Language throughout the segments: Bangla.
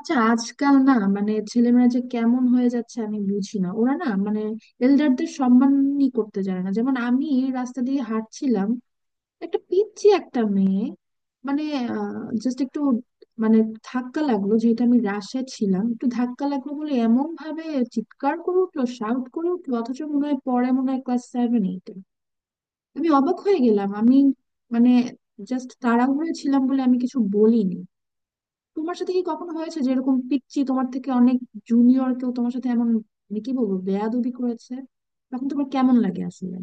আচ্ছা, আজকাল না মানে ছেলেমেয়েরা যে কেমন হয়ে যাচ্ছে আমি বুঝি না। ওরা না মানে এল্ডারদের সম্মানই করতে জানে না। যেমন আমি রাস্তা দিয়ে হাঁটছিলাম, একটা পিচ্চি একটা মেয়ে, মানে জাস্ট একটু মানে ধাক্কা লাগলো, যেহেতু আমি রাশে ছিলাম একটু ধাক্কা লাগলো বলে এমন ভাবে চিৎকার করে উঠলো, শাউট করে উঠলো, অথচ মনে হয় পরে মনে হয় ক্লাস সেভেন এইটে। আমি অবাক হয়ে গেলাম, আমি মানে জাস্ট তাড়াহুড়ো ছিলাম বলে আমি কিছু বলিনি। তোমার সাথে কি কখনো হয়েছে যে এরকম পিচ্চি তোমার থেকে অনেক জুনিয়র কেউ তোমার সাথে এমন মানে কি বলবো বেয়াদবি করেছে? তখন তোমার কেমন লাগে আসলে?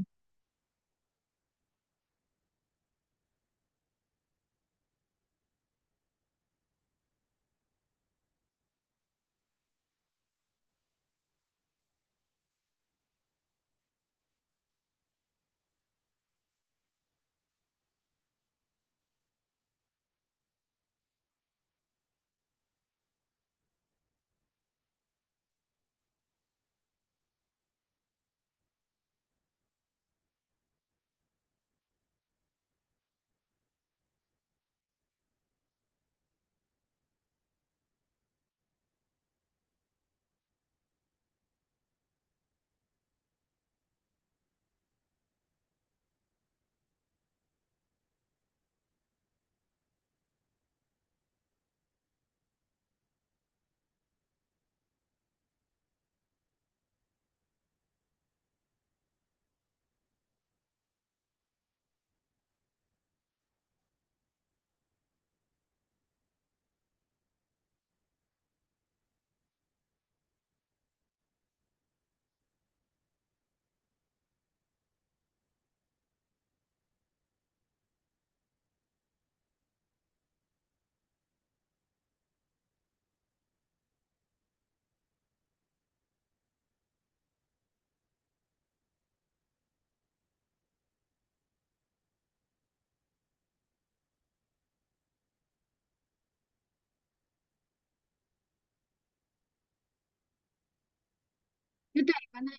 সেটাই মানে,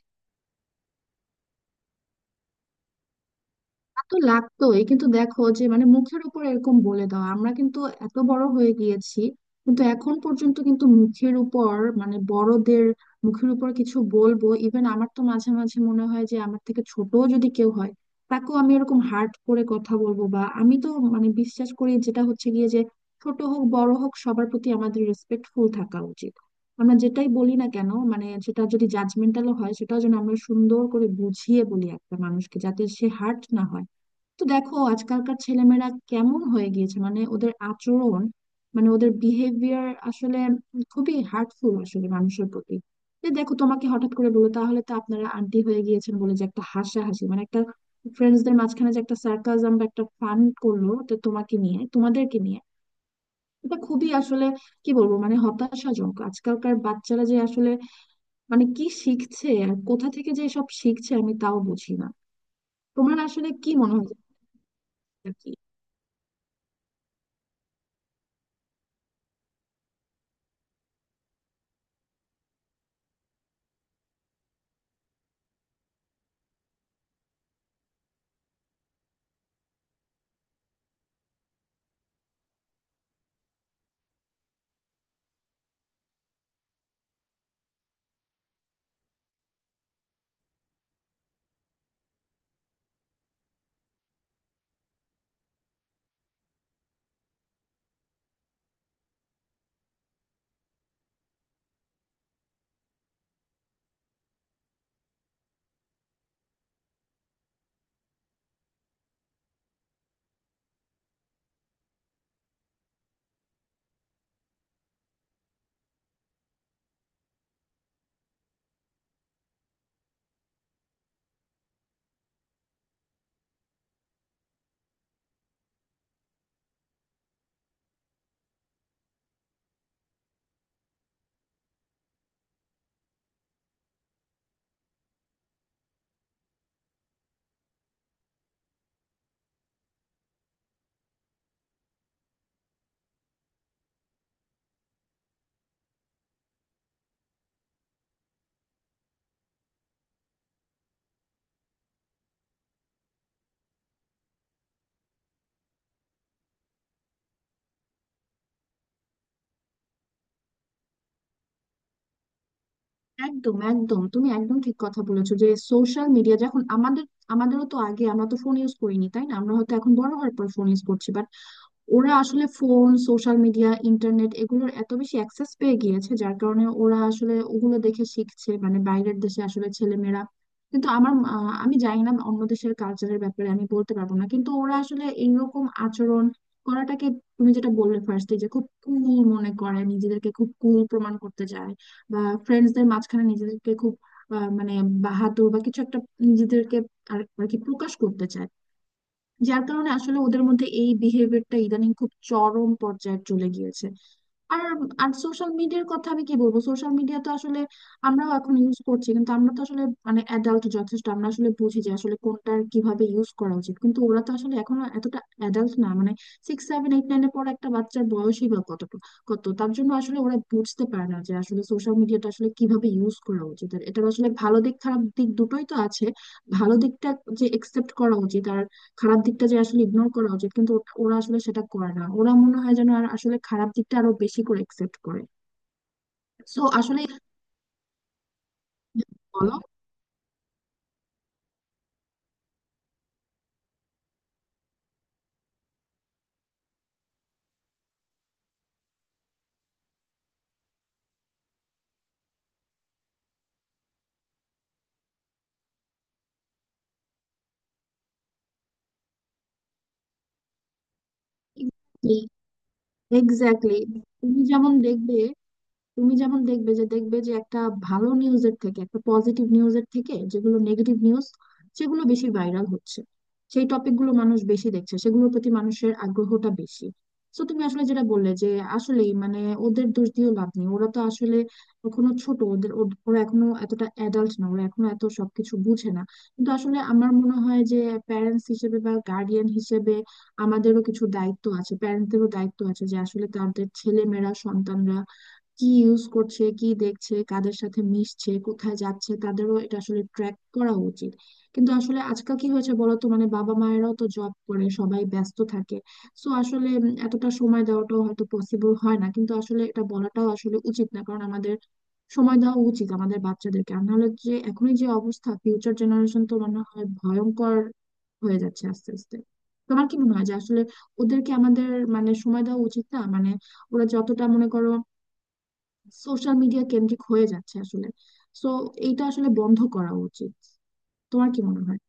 তা তো লাগতোই, কিন্তু দেখো যে মানে মুখের উপর এরকম বলে দাও, আমরা কিন্তু এত বড় হয়ে গিয়েছি কিন্তু এখন পর্যন্ত কিন্তু মুখের উপর মানে বড়দের মুখের উপর কিছু বলবো? ইভেন আমার তো মাঝে মাঝে মনে হয় যে আমার থেকে ছোট যদি কেউ হয়, তাকেও আমি এরকম হার্ট করে কথা বলবো? বা আমি তো মানে বিশ্বাস করি যেটা হচ্ছে গিয়ে যে ছোট হোক বড় হোক সবার প্রতি আমাদের রেসপেক্টফুল থাকা উচিত। আমরা যেটাই বলি না কেন, মানে সেটা যদি জাজমেন্টালও হয় সেটাও যেন আমরা সুন্দর করে বুঝিয়ে বলি একটা মানুষকে, যাতে সে হার্ট না হয়। তো দেখো আজকালকার ছেলেমেয়েরা কেমন হয়ে গিয়েছে, মানে ওদের আচরণ মানে ওদের বিহেভিয়ার আসলে খুবই হার্টফুল আসলে মানুষের প্রতি। যে দেখো তোমাকে হঠাৎ করে বলো তাহলে তো আপনারা আন্টি হয়ে গিয়েছেন বলে যে একটা হাসাহাসি, মানে একটা ফ্রেন্ডসদের মাঝখানে যে একটা সার্কাজম বা একটা ফান করলো তো তোমাকে নিয়ে তোমাদেরকে নিয়ে, এটা খুবই আসলে কি বলবো মানে হতাশাজনক। আজকালকার বাচ্চারা যে আসলে মানে কি শিখছে আর কোথা থেকে যে সব শিখছে আমি তাও বুঝি না। তোমার আসলে কি মনে হয়? একদম একদম, তুমি একদম ঠিক কথা বলেছো যে সোশ্যাল মিডিয়া যখন আমাদের, আমাদেরও তো আগে, আমরা তো ফোন ইউজ করিনি, তাই না? আমরা হয়তো এখন বড় হওয়ার পর ফোন ইউজ করছি। ওরা আসলে ফোন, সোশ্যাল মিডিয়া, ইন্টারনেট এগুলোর এত বেশি অ্যাক্সেস পেয়ে গিয়েছে যার কারণে ওরা আসলে ওগুলো দেখে শিখছে, মানে বাইরের দেশে আসলে ছেলেমেয়েরা। কিন্তু আমার আমি জানি না অন্য দেশের কালচারের ব্যাপারে আমি বলতে পারবো না, কিন্তু ওরা আসলে এইরকম আচরণ করাটাকে, তুমি যেটা বললে ফার্স্টে যে খুব কুল মনে করে, নিজেদেরকে খুব কুল প্রমাণ করতে চায়, বা ফ্রেন্ডসদের মাঝখানে নিজেদেরকে খুব মানে বাহাদুর বা কিছু একটা নিজেদেরকে আর আর কি প্রকাশ করতে চায়, যার কারণে আসলে ওদের মধ্যে এই বিহেভিয়ারটা ইদানিং খুব চরম পর্যায়ে চলে গিয়েছে। আর আর সোশ্যাল মিডিয়ার কথা আমি কি বলবো, সোশ্যাল মিডিয়া তো আসলে আমরাও এখন ইউজ করছি কিন্তু আমরা তো আসলে মানে অ্যাডাল্ট যথেষ্ট, আমরা আসলে বুঝি যে আসলে কোনটার কিভাবে ইউজ করা উচিত। কিন্তু ওরা তো আসলে এখনো এতটা অ্যাডাল্ট না, মানে সিক্স সেভেন এইট নাইনের পর একটা বাচ্চার বয়সই বা কতটুকু কত, তার জন্য আসলে ওরা বুঝতে পারে না যে আসলে সোশ্যাল মিডিয়াটা আসলে কিভাবে ইউজ করা উচিত। আর এটার আসলে ভালো দিক খারাপ দিক দুটোই তো আছে। ভালো দিকটা যে একসেপ্ট করা উচিত আর খারাপ দিকটা যে আসলে ইগনোর করা উচিত, কিন্তু ওরা আসলে সেটা করে না। ওরা মনে হয় যেন আর আসলে খারাপ দিকটা আরো বেশি করে একসেপ্ট করে। সো আসলে, বলো। এক্স্যাক্টলি, তুমি যেমন দেখবে, যে একটা ভালো নিউজের থেকে একটা পজিটিভ নিউজের থেকে যেগুলো নেগেটিভ নিউজ, সেগুলো বেশি ভাইরাল হচ্ছে, সেই টপিকগুলো মানুষ বেশি দেখছে, সেগুলোর প্রতি মানুষের আগ্রহটা বেশি। তো তুমি আসলে যেটা বললে যে আসলেই মানে ওদের দোষ দিয়েও লাভ নেই, ওরা তো আসলে এখনো ছোট। ওদের ওরা এখনো এতটা অ্যাডাল্ট না, ওরা এখনো এত সবকিছু বুঝে না। কিন্তু আসলে আমার মনে হয় যে প্যারেন্টস হিসেবে বা গার্ডিয়ান হিসেবে আমাদেরও কিছু দায়িত্ব আছে, প্যারেন্টদেরও দায়িত্ব আছে যে আসলে তাদের ছেলে মেয়েরা সন্তানরা কি ইউজ করছে, কি দেখছে, কাদের সাথে মিশছে, কোথায় যাচ্ছে, তাদেরও এটা আসলে ট্র্যাক করা উচিত। কিন্তু আসলে আজকাল কি হয়েছে বলতো, মানে বাবা মায়েরাও তো জব করে, সবাই ব্যস্ত থাকে। সো আসলে এতটা সময় দেওয়াটাও হয়তো পসিবল হয় না, কিন্তু আসলে এটা বলাটাও আসলে উচিত না, কারণ আমাদের সময় দেওয়া উচিত আমাদের বাচ্চাদেরকে। আর নাহলে যে এখনই যে অবস্থা, ফিউচার জেনারেশন তো মনে হয় ভয়ঙ্কর হয়ে যাচ্ছে আস্তে আস্তে। তোমার কি মনে হয় যে আসলে ওদেরকে আমাদের মানে সময় দেওয়া উচিত না মানে ওরা যতটা মনে করো সোশ্যাল মিডিয়া কেন্দ্রিক হয়ে যাচ্ছে আসলে, তো এইটা আসলে বন্ধ করা উচিত? তোমার কি মনে হয়?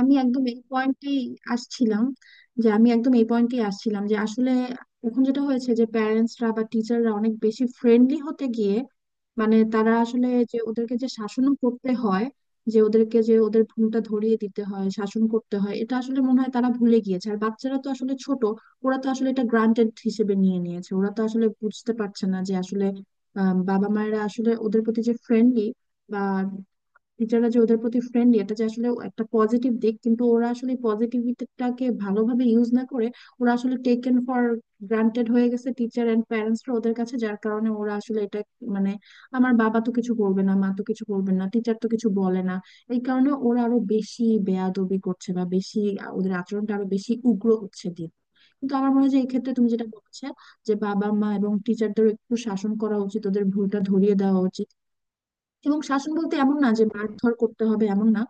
আমি একদম এই পয়েন্টেই আসছিলাম, যে আসলে এখন যেটা হয়েছে যে প্যারেন্টসরা বা টিচাররা অনেক বেশি ফ্রেন্ডলি হতে গিয়ে, মানে তারা আসলে যে ওদেরকে যে শাসনও করতে হয়, যে ওদেরকে যে ওদের ভুলটা ধরিয়ে দিতে হয়, শাসন করতে হয়, এটা আসলে মনে হয় তারা ভুলে গিয়েছে। আর বাচ্চারা তো আসলে ছোট, ওরা তো আসলে এটা গ্রান্টেড হিসেবে নিয়ে নিয়েছে। ওরা তো আসলে বুঝতে পারছে না যে আসলে বাবা মায়েরা আসলে ওদের প্রতি যে ফ্রেন্ডলি বা টিচাররা যে ওদের প্রতি ফ্রেন্ডলি, এটা যে আসলে একটা পজিটিভ দিক, কিন্তু ওরা আসলে পজিটিভিটিটাকে ভালোভাবে ইউজ না করে, ওরা আসলে টেকেন ফর গ্রান্টেড হয়ে গেছে টিচার অ্যান্ড প্যারেন্টসরা ওদের কাছে, যার কারণে ওরা আসলে এটা মানে আমার বাবা তো কিছু করবে না, মা তো কিছু করবে না, টিচার তো কিছু বলে না, এই কারণে ওরা আরো বেশি বেয়াদবি করছে বা বেশি ওদের আচরণটা আরো বেশি উগ্র হচ্ছে দিন। কিন্তু আমার মনে হয় যে এক্ষেত্রে তুমি যেটা বলছো, যে বাবা মা এবং টিচারদের একটু শাসন করা উচিত, ওদের ভুলটা ধরিয়ে দেওয়া উচিত, এবং শাসন বলতে এমন না যে মারধর করতে হবে, এমন না,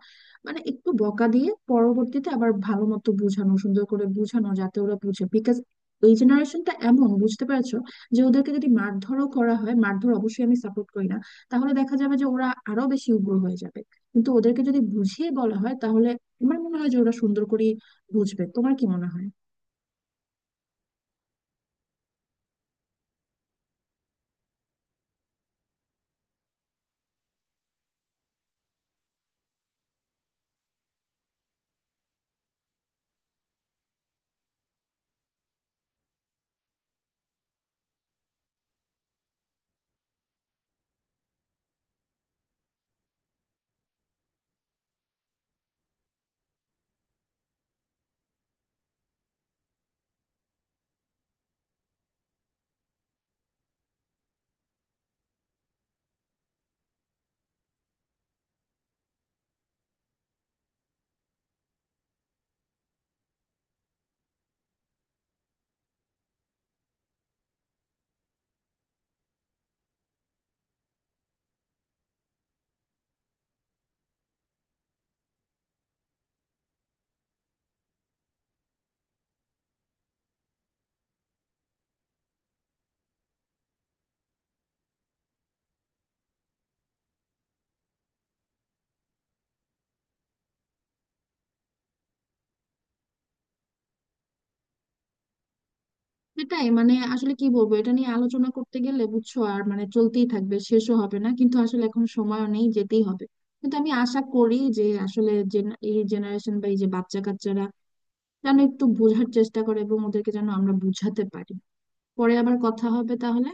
মানে একটু বকা দিয়ে পরবর্তীতে আবার ভালো মতো বোঝানো, সুন্দর করে বোঝানো, যাতে ওরা বুঝে। বিকজ এই জেনারেশনটা এমন, বুঝতে পারছো, যে ওদেরকে যদি মারধরও করা হয়, মারধর অবশ্যই আমি সাপোর্ট করি না, তাহলে দেখা যাবে যে ওরা আরো বেশি উগ্র হয়ে যাবে। কিন্তু ওদেরকে যদি বুঝিয়ে বলা হয় তাহলে আমার মনে হয় যে ওরা সুন্দর করে বুঝবে। তোমার কি মনে হয়? সেটাই মানে, আসলে কি বলবো, এটা নিয়ে আলোচনা করতে গেলে বুঝছো আর মানে চলতেই থাকবে, শেষও হবে না, কিন্তু আসলে এখন সময় নেই, যেতেই হবে। কিন্তু আমি আশা করি যে আসলে এই জেনারেশন বা এই যে বাচ্চা কাচ্চারা যেন একটু বোঝার চেষ্টা করে এবং ওদেরকে যেন আমরা বুঝাতে পারি। পরে আবার কথা হবে তাহলে।